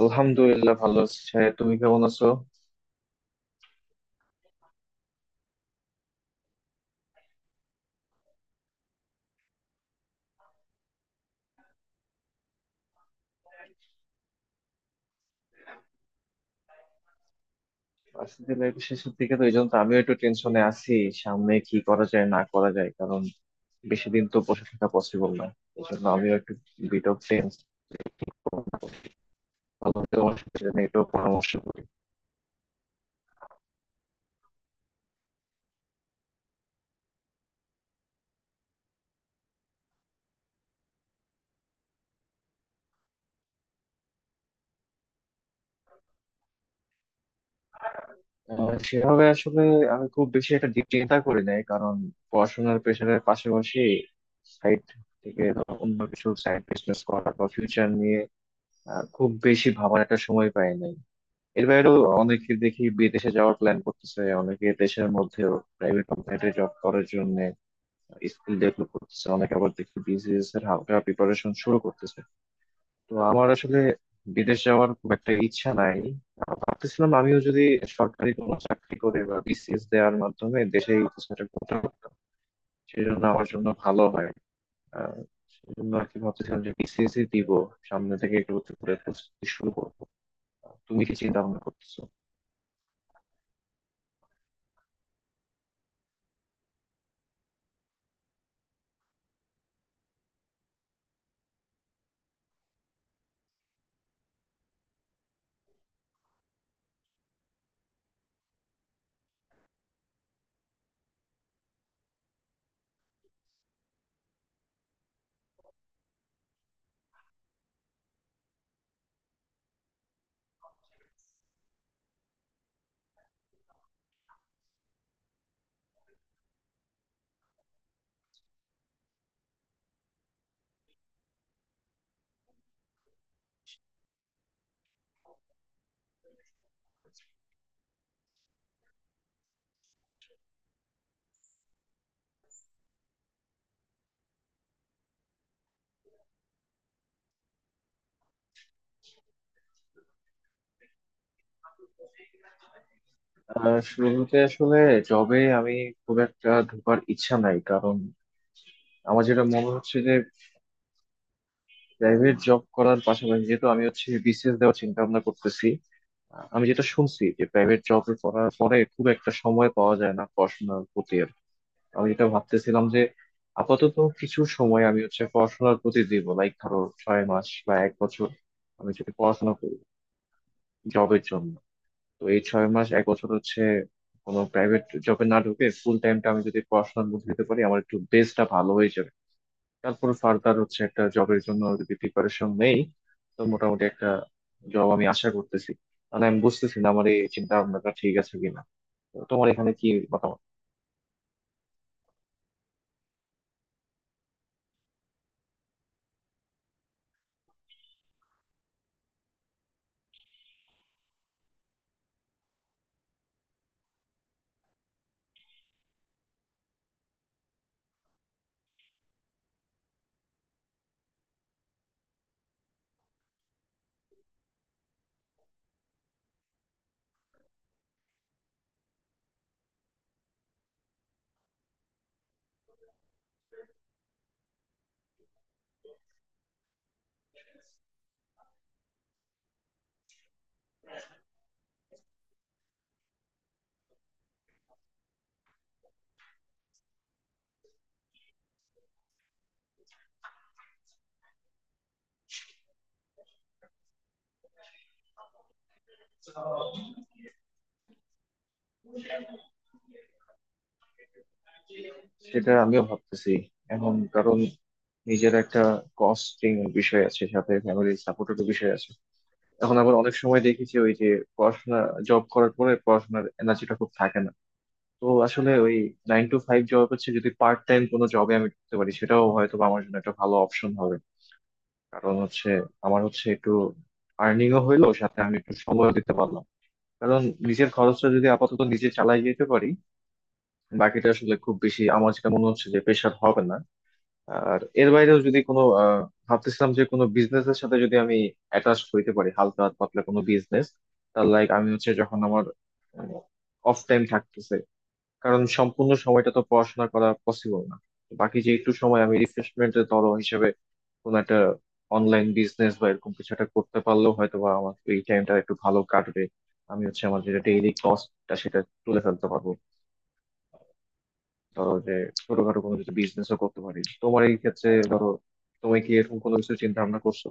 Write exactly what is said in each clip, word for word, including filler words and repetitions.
আলহামদুলিল্লাহ, ভালো আছি সাহেব। তুমি কেমন আছো? ভার্সিটি লাইফের শেষের দিকে, তো এই জন্য তো আমিও একটু টেনশনে আছি। সামনে কি করা যায় না করা যায়, কারণ বেশি দিন তো বসে থাকা পসিবল না। এই জন্য আমিও একটু বিট অফ টেন্স। তোমার সাথে এটা নিয়ে একটু পরামর্শ করি। আহ, সেভাবে আসলে আমি খুব বেশি একটা deep চিন্তা করি নাই, কারণ পড়াশোনার প্রেশারের পাশাপাশি সাইড থেকে ধরো অন্য কিছু সাইড বিজনেস করা বা ফিউচার নিয়ে আহ, খুব বেশি ভাবার একটা সময় পাই নাই। এর বাইরেও অনেকে দেখি বিদেশে যাওয়ার প্ল্যান করতেছে, অনেকে দেশের মধ্যেও প্রাইভেট কোম্পানিতে জব করার জন্য স্কিল ডেভেলপ করতেছে, অনেকে আবার দেখি বিসিএস এর হালকা প্রিপারেশন শুরু করতেছে। তো আমার আসলে বিদেশ যাওয়ার খুব একটা ইচ্ছা নাই। ভাবতেছিলাম আমিও যদি সরকারি কোনো চাকরি করে বা বিসিএস দেওয়ার মাধ্যমে দেশে এই কিছুটা করতে পারতাম, সেজন্য আমার জন্য ভালো হয়। আহ সেজন্য আর কি ভাবতেছিলাম যে বিসিএস দিব, সামনে থেকে একটু করে প্রস্তুতি শুরু করবো। তুমি কি চিন্তা ভাবনা করতেছো? আহ, শুরুতে আসলে জবে আমি খুব একটা ঢোকার ইচ্ছা নাই, কারণ আমার যেটা মনে হচ্ছে যে প্রাইভেট জব করার পাশাপাশি যেহেতু আমি হচ্ছে বিসিএস দেওয়ার চিন্তা ভাবনা করতেছি। আহ, আমি যেটা শুনছি যে প্রাইভেট জব করার পরে খুব একটা সময় পাওয়া যায় না পড়াশোনার প্রতি, আর কি। আমি যেটা ভাবতেছিলাম যে আপাতত কিছু সময় আমি হচ্ছে পড়াশোনার প্রতি দিব, লাইক ধরো ছয় মাস বা এক বছর। আমি যদি পড়াশোনা করি জবের জন্য, তো এই ছয় মাস এক বছর হচ্ছে কোনো প্রাইভেট জবে না ঢুকে ফুল টাইমটা আমি যদি পড়াশোনার মধ্যে দিতে পারি, আমার একটু বেসটা ভালো হয়ে যাবে। তারপর ফার্দার হচ্ছে একটা জবের জন্য যদি প্রিপারেশন নেই, তো মোটামুটি একটা জব আমি আশা করতেছি। মানে আমি বুঝতেছি না আমার এই চিন্তা ভাবনাটা ঠিক আছে কিনা। তো তোমার এখানে কি মতামত? সেটা আমিও ভাবতেছি এখন, কারণ নিজের একটা কস্টিং বিষয় আছে, সাথে ফ্যামিলির সাপোর্টের বিষয় আছে। এখন আবার অনেক সময় দেখেছি ওই যে পড়াশোনা, জব করার পরে পড়াশোনার এনার্জিটা খুব থাকে না। তো আসলে ওই নাইন টু ফাইভ জব হচ্ছে, যদি পার্ট টাইম কোনো জবে আমি ঢুকতে পারি, সেটাও হয়তো বা আমার জন্য একটা ভালো অপশন হবে। কারণ হচ্ছে আমার হচ্ছে একটু আর্নিংও হইলো, সাথে আমি একটু সময় দিতে পারলাম। কারণ নিজের খরচটা যদি আপাতত নিজে চালাই যেতে পারি, বাকিটা আসলে খুব বেশি আমার যেটা মনে হচ্ছে যে প্রেশার হবে না। আর এর বাইরেও যদি কোনো আহ, ভাবতেছিলাম যে কোনো বিজনেস এর সাথে যদি আমি অ্যাটাচ হইতে পারি, হালকা পাতলা কোনো বিজনেস, তার লাইক আমি হচ্ছে যখন আমার অফ টাইম থাকতেছে, কারণ সম্পূর্ণ সময়টা তো পড়াশোনা করা পসিবল না। তো বাকি যে একটু সময় আমি রিফ্রেশমেন্টের ধরো হিসেবে কোনো একটা অনলাইন বিজনেস বা এরকম কিছু একটা করতে পারলেও হয়তো বা আমার এই টাইমটা একটু ভালো কাটবে। আমি হচ্ছে আমার যেটা ডেইলি কস্টটা, সেটা তুলে ফেলতে পারবো। ধরো যে ছোটখাটো কোনো কিছু বিজনেসও করতে পারি তোমার এই ক্ষেত্রে ধরো। তুমি কি এরকম কোনো কিছু চিন্তা ভাবনা করছো?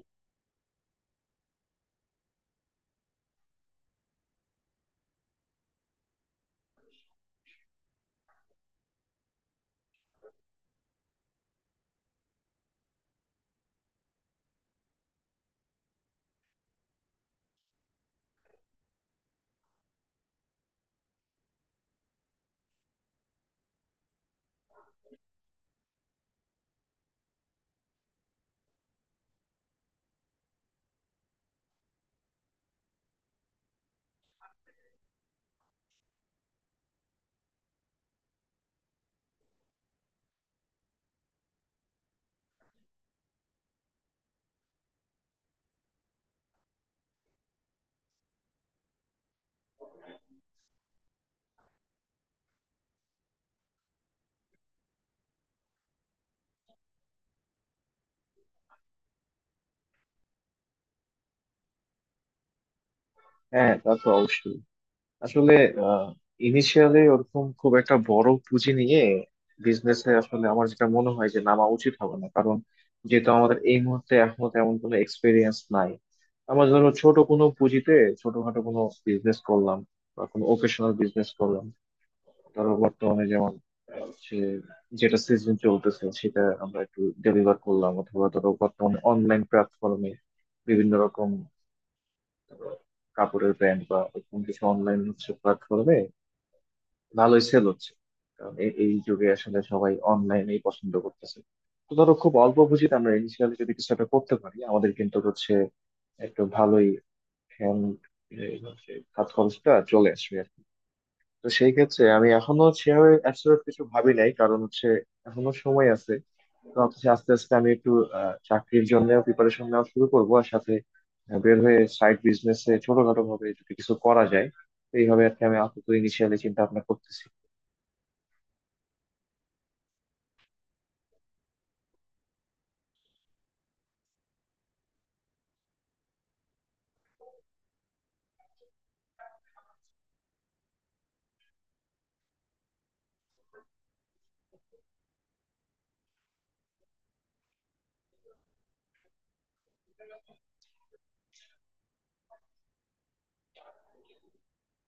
হ্যাঁ, তা তো অবশ্যই। আসলে ইনিশিয়ালি ওরকম খুব একটা বড় পুঁজি নিয়ে বিজনেসে আসলে আমার যেটা মনে হয় যে নামা উচিত হবে না, কারণ যেহেতু আমাদের এই মুহূর্তে এখনো তেমন কোনো এক্সপিরিয়েন্স নাই। আমরা ধরো ছোট কোনো পুঁজিতে ছোটখাটো কোনো বিজনেস করলাম বা কোনো ওকেশনাল বিজনেস করলাম। ধরো বর্তমানে যেমন আহ, সে যেটা সিজন চলতেছে সেটা আমরা একটু ডেলিভার করলাম, অথবা ধরো বর্তমানে অনলাইন প্ল্যাটফর্মে বিভিন্ন রকম ধরো কাপড়ের ব্র্যান্ড বা এরকম কিছু অনলাইন হচ্ছে প্ল্যাটফর্মে ভালোই সেল হচ্ছে, কারণ এ- এই যুগে আসলে সবাই অনলাইনেই পছন্দ করতেছে। তো ধরো খুব অল্প পুঁজিতে আমরা ইনিশিয়ালি যদি কিছু একটা করতে পারি, আমাদের কিন্তু হচ্ছে একটু ভালোই হ্যান্ড হাত খরচটা চলে আসবে আর কি। তো সেই ক্ষেত্রে আমি এখনো সেভাবে অ্যাবসলিউট কিছু ভাবি নাই, কারণ হচ্ছে এখনো সময় আছে। তো হচ্ছে আস্তে আস্তে আমি একটু আহ, চাকরির জন্য প্রিপারেশন নেওয়া শুরু করবো, আর সাথে আহ, বের হয়ে সাইড বিজনেসে ছোটখাটো ভাবে যদি কিছু করা যায়। তো এইভাবে আর কি আমি আপাতত ইনিশিয়ালি চিন্তা ভাবনা করতেছি।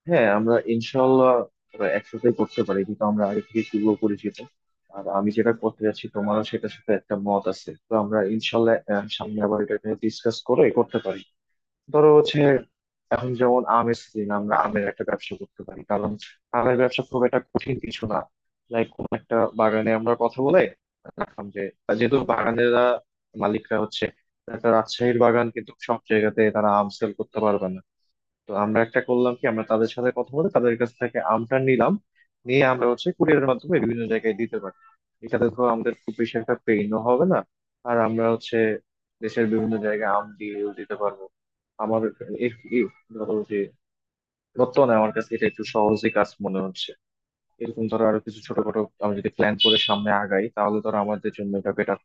হ্যাঁ, আমরা ইনশাল্লাহ একসাথে করতে পারি, কিন্তু আমরা আগে থেকে পূর্ব পরিচিত, আর আমি যেটা করতে যাচ্ছি তোমারও সেটার সাথে একটা মত আছে। তো আমরা ইনশাল্লাহ আহ, সামনে আবার এটা ডিসকাস করে করতে পারি। ধরো হচ্ছে এখন যেমন আমের সিজন, আমরা আমের একটা ব্যবসা করতে পারি, কারণ আমের ব্যবসা খুব একটা কঠিন কিছু না। লাইক কোন একটা বাগানে আমরা কথা বলে রাখলাম যে, যেহেতু বাগানেরা মালিকরা হচ্ছে একটা রাজশাহীর বাগান, কিন্তু সব জায়গাতে তারা আম সেল করতে পারবে না, তো আমরা একটা করলাম কি, আমরা তাদের সাথে কথা বলে তাদের কাছ থেকে আমটা নিলাম, নিয়ে আমরা হচ্ছে কুরিয়ারের মাধ্যমে বিভিন্ন জায়গায় দিতে পারি। এটাতে তো আমাদের খুব বেশি একটা পেইনও হবে না, আর আমরা হচ্ছে দেশের বিভিন্ন জায়গায় আম দিয়ে দিতে পারবো। আমার এ- এ- ধরো যে বর্তমানে আমার কাছে এটা একটু সহজই কাজ মনে হচ্ছে। এরকম ধরো আরো কিছু ছোটখাটো আমি যদি প্ল্যান করে সামনে আগাই, তাহলে ধরো আমাদের জন্য এটা বেটার।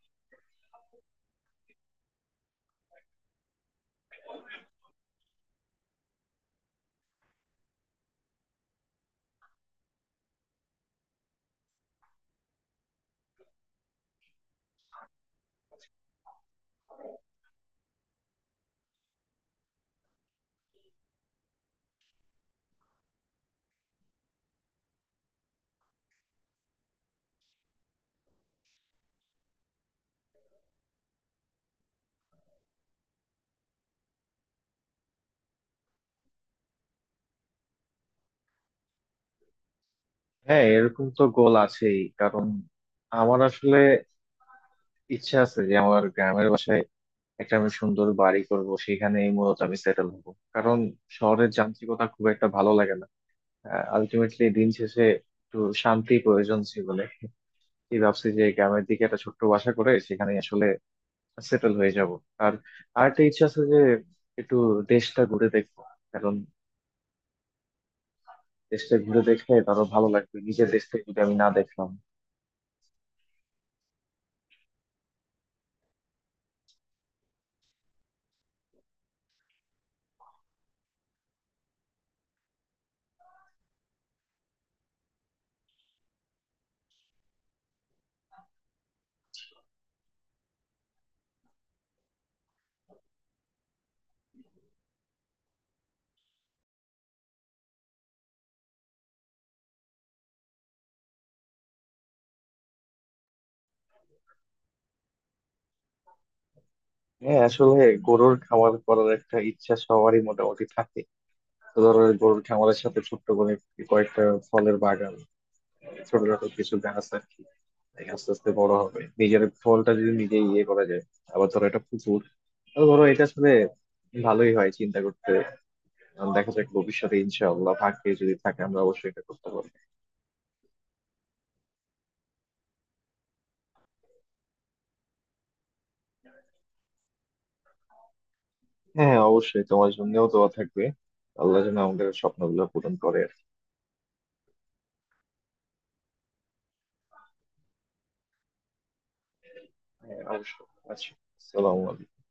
হ্যাঁ, এরকম তো গোল আছেই, কারণ আমার আসলে ইচ্ছা আছে যে আমার গ্রামের বাসায় একটা আমি সুন্দর বাড়ি করব, সেখানেই মূলত আমি সেটেল হব। কারণ শহরের যান্ত্রিকতা খুব একটা ভালো লাগে না। আলটিমেটলি দিন শেষে একটু শান্তি প্রয়োজন জীবনে। এই ভাবছি যে গ্রামের দিকে একটা ছোট্ট বাসা করে সেখানে আসলে সেটেল হয়ে যাব। আর আরেকটা ইচ্ছা আছে যে একটু দেশটা ঘুরে দেখবো, কারণ দেশটা ঘুরে দেখলে তারও ভালো লাগবে, নিজের দেশটা যদি আমি না দেখলাম। হ্যাঁ, আসলে গরুর খামার করার একটা ইচ্ছা সবারই মোটামুটি থাকে। তো ধরো গরুর খামারের সাথে ছোট্ট করে কয়েকটা ফলের বাগান, ছোটখাটো কিছু গাছ আর কি, এই আস্তে আস্তে বড় হবে, নিজের ফলটা যদি নিজে ইয়ে করা যায়। আবার ধরো এটা পুকুর, তো ধরো এটা আসলে ভালোই হয় চিন্তা করতে। আহ, দেখা যাক ভবিষ্যতে ইনশাআল্লাহ ভাগ্যে যদি থাকে আমরা অবশ্যই এটা করতে পারবো। হ্যাঁ, অবশ্যই তোমার জন্যও দোয়া থাকবে। আল্লাহ যেন আমাদের স্বপ্নগুলো পূরণ করে আর কি। হ্যাঁ, অবশ্যই। আচ্ছা। আসসালামু আলাইকুম।